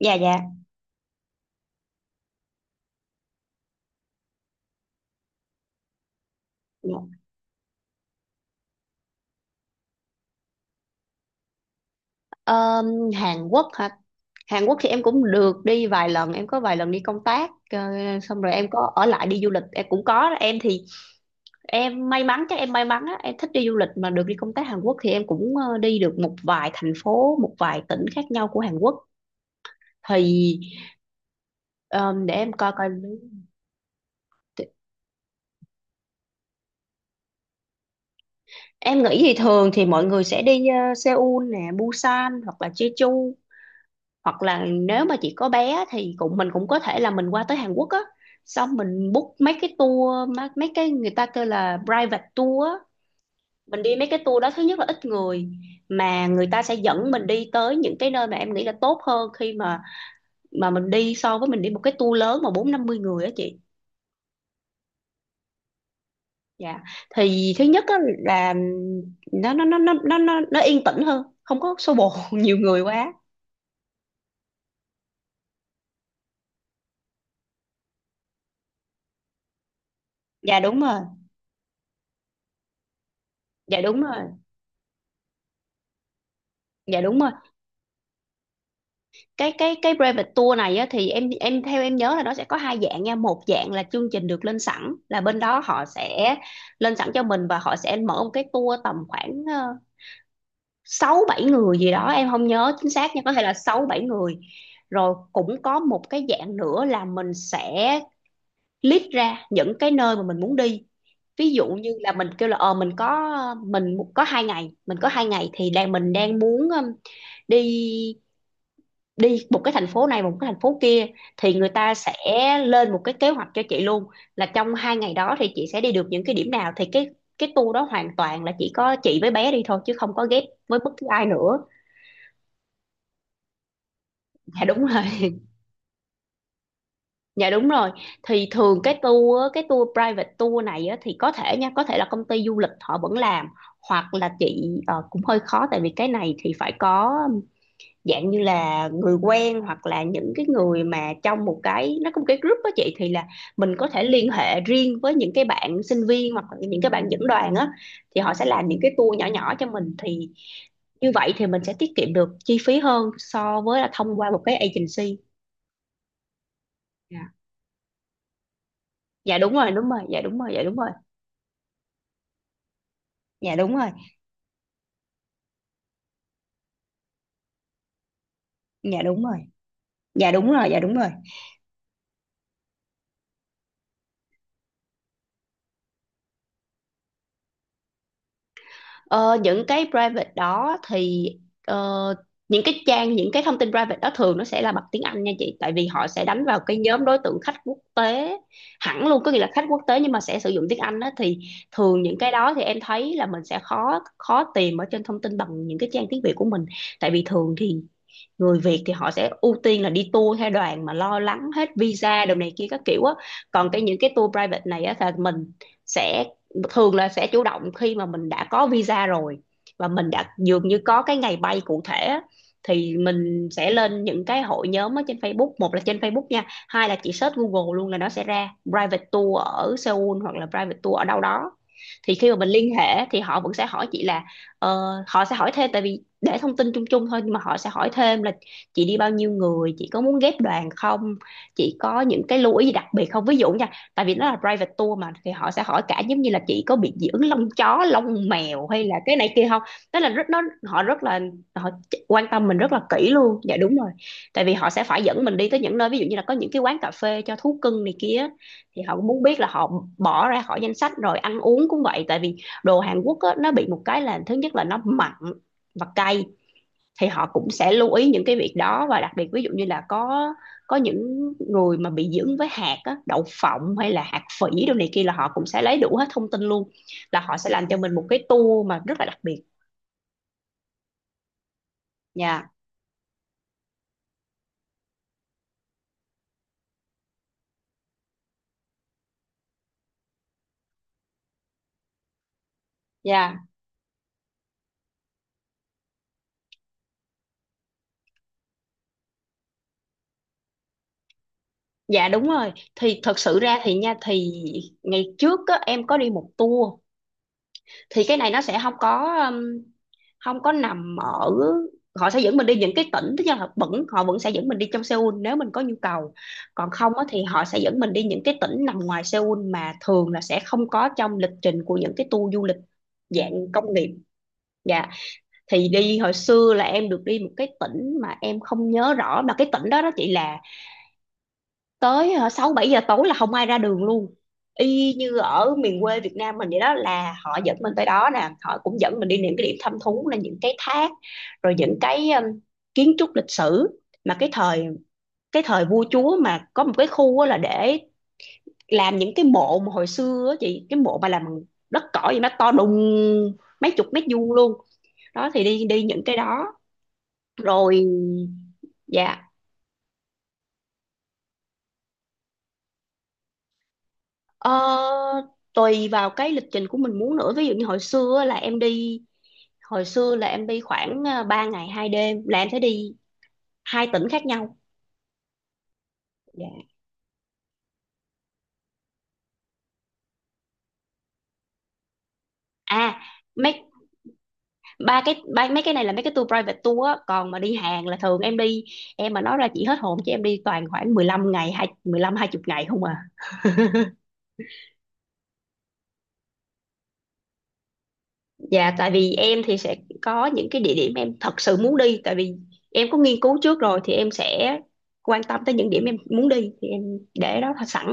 Dạ dạ Dạ. Ờ, Hàn Quốc hả? Hàn Quốc thì em cũng được đi vài lần, em có vài lần đi công tác, xong rồi em có ở lại đi du lịch em cũng có. Em thì em may mắn, chắc em may mắn á, em thích đi du lịch mà được đi công tác Hàn Quốc, thì em cũng đi được một vài thành phố, một vài tỉnh khác nhau của Hàn Quốc thì. Ờ, để em coi coi, em nghĩ thì thường thì mọi người sẽ đi Seoul nè, Busan, hoặc là Jeju, hoặc là nếu mà chị có bé thì cũng mình cũng có thể là mình qua tới Hàn Quốc á, xong mình book mấy cái tour mấy cái người ta kêu là private tour á. Mình đi mấy cái tour đó, thứ nhất là ít người, mà người ta sẽ dẫn mình đi tới những cái nơi mà em nghĩ là tốt hơn khi mà mình đi, so với mình đi một cái tour lớn mà 40-50 người á chị. Dạ, thì thứ nhất á là nó yên tĩnh hơn, không có xô bồ nhiều người quá. Dạ đúng rồi, dạ đúng rồi, dạ đúng rồi. Cái private tour này á, thì em theo em nhớ là nó sẽ có hai dạng nha. Một dạng là chương trình được lên sẵn, là bên đó họ sẽ lên sẵn cho mình, và họ sẽ mở một cái tour tầm khoảng 6-7 người gì đó, em không nhớ chính xác nha, có thể là 6-7 người. Rồi cũng có một cái dạng nữa là mình sẽ list ra những cái nơi mà mình muốn đi, ví dụ như là mình kêu là ờ mình có, mình có 2 ngày thì đang mình đang muốn đi đi một cái thành phố này, một cái thành phố kia, thì người ta sẽ lên một cái kế hoạch cho chị luôn, là trong 2 ngày đó thì chị sẽ đi được những cái điểm nào. Thì cái tour đó hoàn toàn là chỉ có chị với bé đi thôi, chứ không có ghép với bất cứ ai nữa. Dạ đúng rồi. Dạ đúng rồi. Thì thường cái tour á, cái tour private tour này á, thì có thể nha, có thể là công ty du lịch họ vẫn làm, hoặc là chị cũng hơi khó, tại vì cái này thì phải có dạng như là người quen, hoặc là những cái người mà trong một cái nó có một cái group đó chị, thì là mình có thể liên hệ riêng với những cái bạn sinh viên, hoặc là những cái bạn dẫn đoàn á, thì họ sẽ làm những cái tour nhỏ nhỏ cho mình, thì như vậy thì mình sẽ tiết kiệm được chi phí hơn so với là thông qua một cái agency. Dạ. Dạ đúng rồi, đúng rồi, dạ đúng rồi, dạ đúng rồi, dạ đúng rồi, dạ đúng rồi, dạ đúng rồi, dạ đúng rồi. Ờ, những cái private đó thì, ờ, những cái trang, những cái thông tin private đó thường nó sẽ là bằng tiếng Anh nha chị, tại vì họ sẽ đánh vào cái nhóm đối tượng khách quốc tế hẳn luôn, có nghĩa là khách quốc tế nhưng mà sẽ sử dụng tiếng Anh đó, thì thường những cái đó thì em thấy là mình sẽ khó khó tìm ở trên thông tin bằng những cái trang tiếng Việt của mình, tại vì thường thì người Việt thì họ sẽ ưu tiên là đi tour theo đoàn, mà lo lắng hết visa đồ này kia các kiểu á. Còn cái những cái tour private này á là mình sẽ thường là sẽ chủ động khi mà mình đã có visa rồi, và mình đã dường như có cái ngày bay cụ thể á, thì mình sẽ lên những cái hội nhóm ở trên Facebook, một là trên Facebook nha, hai là chỉ search Google luôn là nó sẽ ra private tour ở Seoul hoặc là private tour ở đâu đó. Thì khi mà mình liên hệ thì họ vẫn sẽ hỏi chị là ờ, họ sẽ hỏi thêm, tại vì để thông tin chung chung thôi, nhưng mà họ sẽ hỏi thêm là chị đi bao nhiêu người, chị có muốn ghép đoàn không, chị có những cái lưu ý gì đặc biệt không, ví dụ nha, tại vì nó là private tour mà, thì họ sẽ hỏi cả giống như là chị có bị dị ứng lông chó lông mèo hay là cái này kia không. Tức là rất nó họ rất là họ quan tâm mình rất là kỹ luôn. Dạ đúng rồi. Tại vì họ sẽ phải dẫn mình đi tới những nơi ví dụ như là có những cái quán cà phê cho thú cưng này kia, thì họ cũng muốn biết là họ bỏ ra khỏi danh sách. Rồi ăn uống cũng vậy, tại vì đồ Hàn Quốc á, nó bị một cái là thứ nhất là nó mặn và cay, thì họ cũng sẽ lưu ý những cái việc đó. Và đặc biệt ví dụ như là có những người mà bị dưỡng với hạt á, đậu phộng hay là hạt phỉ đồ này kia là họ cũng sẽ lấy đủ hết thông tin luôn, là họ sẽ làm cho mình một cái tour mà rất là đặc biệt nha. Dạ, dạ đúng rồi. Thì thật sự ra thì nha, thì ngày trước á, em có đi một tour thì cái này nó sẽ không có nằm ở, họ sẽ dẫn mình đi những cái tỉnh, tức là họ vẫn sẽ dẫn mình đi trong Seoul nếu mình có nhu cầu, còn không á, thì họ sẽ dẫn mình đi những cái tỉnh nằm ngoài Seoul, mà thường là sẽ không có trong lịch trình của những cái tour du lịch dạng công nghiệp. Dạ. Thì đi hồi xưa là em được đi một cái tỉnh mà em không nhớ rõ, mà cái tỉnh đó đó chị là tới 6 7 giờ tối là không ai ra đường luôn. Y như ở miền quê Việt Nam mình vậy đó, là họ dẫn mình tới đó nè, họ cũng dẫn mình đi những cái điểm thăm thú, là những cái thác, rồi những cái kiến trúc lịch sử mà cái thời vua chúa, mà có một cái khu á là để làm những cái mộ mà hồi xưa á chị, cái mộ mà làm bằng đất cỏ, vậy nó to đùng mấy chục mét vuông luôn. Đó thì đi đi những cái đó rồi. Dạ. Ờ, Tùy vào cái lịch trình của mình muốn nữa, ví dụ như hồi xưa á là em đi, hồi xưa là em đi khoảng à, 3 ngày 2 đêm là em sẽ đi 2 tỉnh khác nhau. Dạ. À mấy ba, mấy cái này là mấy cái tour private tour á, còn mà đi Hàn là thường em đi, em mà nói ra chị hết hồn chứ em đi toàn khoảng 15 ngày, hai 15, hai 20 ngày không à. Dạ, tại vì em thì sẽ có những cái địa điểm em thật sự muốn đi, tại vì em có nghiên cứu trước rồi, thì em sẽ quan tâm tới những điểm em muốn đi, thì em để đó sẵn.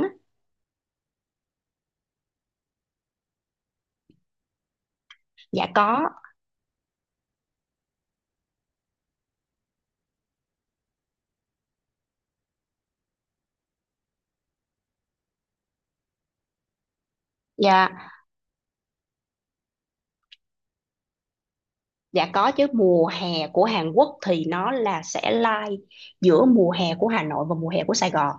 Dạ có, dạ, dạ có chứ, mùa hè của Hàn Quốc thì nó là sẽ lai giữa mùa hè của Hà Nội và mùa hè của Sài Gòn,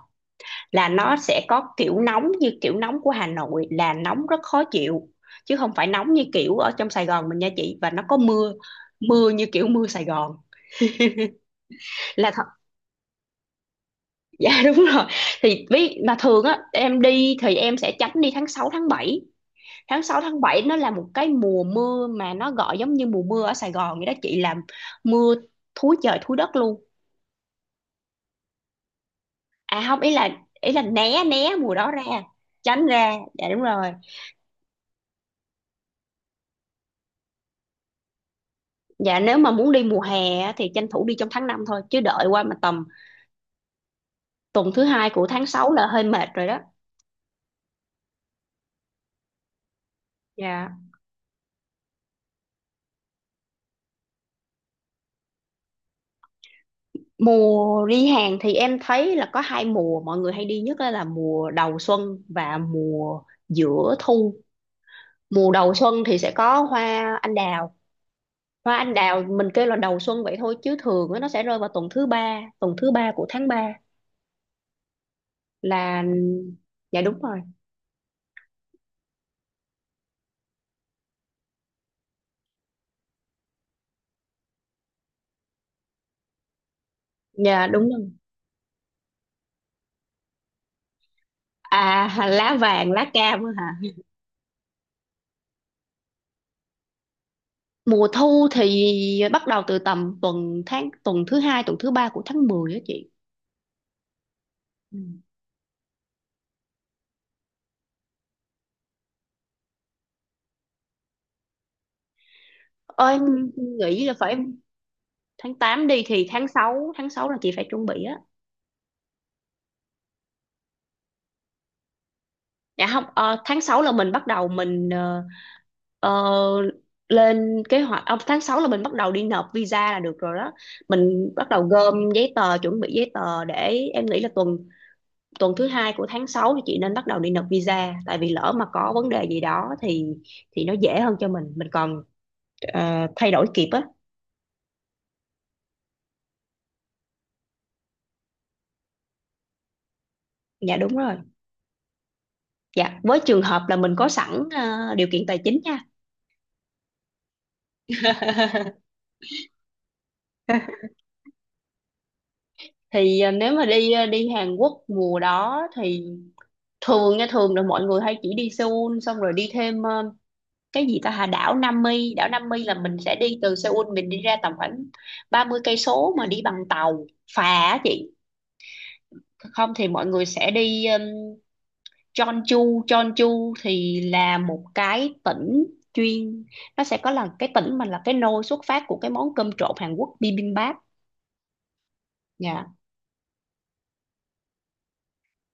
là nó sẽ có kiểu nóng như kiểu nóng của Hà Nội, là nóng rất khó chịu, chứ không phải nóng như kiểu ở trong Sài Gòn mình nha chị. Và nó có mưa, mưa như kiểu mưa Sài Gòn. Là thật. Dạ đúng rồi. Thì ví mà thường á em đi thì em sẽ tránh đi tháng 6 tháng 7, tháng 6 tháng 7 nó là một cái mùa mưa mà nó gọi giống như mùa mưa ở Sài Gòn vậy đó chị, làm mưa thúi trời thúi đất luôn. À không, ý là né né mùa đó ra, tránh ra, dạ đúng rồi. Dạ, nếu mà muốn đi mùa hè á, thì tranh thủ đi trong tháng 5 thôi, chứ đợi qua mà tầm tuần thứ 2 của tháng 6 là hơi mệt rồi đó. Dạ. Mùa đi Hàn thì em thấy là có hai mùa mọi người hay đi nhất là mùa đầu xuân và mùa giữa thu. Mùa đầu xuân thì sẽ có hoa anh đào, hoa anh đào mình kêu là đầu xuân vậy thôi chứ thường á, nó sẽ rơi vào tuần thứ 3 của tháng 3 là. Dạ đúng rồi, dạ đúng rồi. À lá vàng lá cam á hả. Mùa thu thì bắt đầu từ tầm tuần thứ 2 tuần thứ ba của tháng 10 á chị. Ừ. Ơi, nghĩ là phải, tháng 8 đi thì tháng 6, là chị phải chuẩn bị á. Dạ không, tháng 6 là mình bắt đầu mình, ờ, ờ, lên kế hoạch, tháng 6 là mình bắt đầu đi nộp visa là được rồi đó. Mình bắt đầu gom giấy tờ, chuẩn bị giấy tờ để em nghĩ là tuần tuần thứ 2 của tháng 6 thì chị nên bắt đầu đi nộp visa. Tại vì lỡ mà có vấn đề gì đó thì nó dễ hơn cho mình còn thay đổi kịp á. Dạ đúng rồi. Dạ, với trường hợp là mình có sẵn điều kiện tài chính nha. Thì à, nếu mà đi à, đi Hàn Quốc mùa đó thì thường nha, thường là mọi người hay chỉ đi Seoul xong rồi đi thêm cái gì ta, hà đảo Nam Mi, đảo Nam Mi là mình sẽ đi từ Seoul mình đi ra tầm khoảng 30 cây số mà đi bằng tàu phà á chị. Không thì mọi người sẽ đi Jeonju, Jeonju thì là một cái tỉnh chuyên, nó sẽ có là cái tỉnh mà là cái nôi xuất phát của cái món cơm trộn Hàn Quốc bibimbap nha.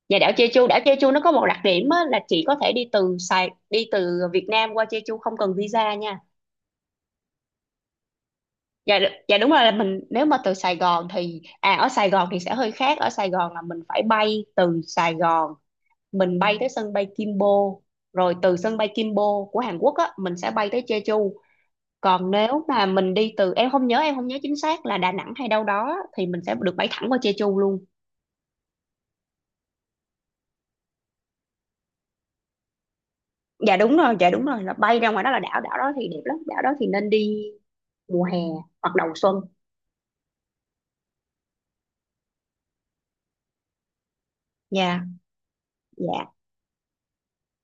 Và đảo Jeju nó có một đặc điểm á, là chị có thể đi từ Sài, đi từ Việt Nam qua Jeju không cần visa nha. Dạ đúng rồi, là mình nếu mà từ Sài Gòn thì à ở Sài Gòn thì sẽ hơi khác, ở Sài Gòn là mình phải bay từ Sài Gòn mình bay tới sân bay Gimpo, rồi từ sân bay Gimpo của Hàn Quốc á mình sẽ bay tới Jeju. Còn nếu mà mình đi từ em không nhớ chính xác là Đà Nẵng hay đâu đó á, thì mình sẽ được bay thẳng qua Jeju luôn. Dạ đúng rồi, dạ đúng rồi, là bay ra ngoài đó, là đảo đảo đó thì đẹp lắm, đảo đó thì nên đi mùa hè hoặc đầu xuân. Dạ. Dạ.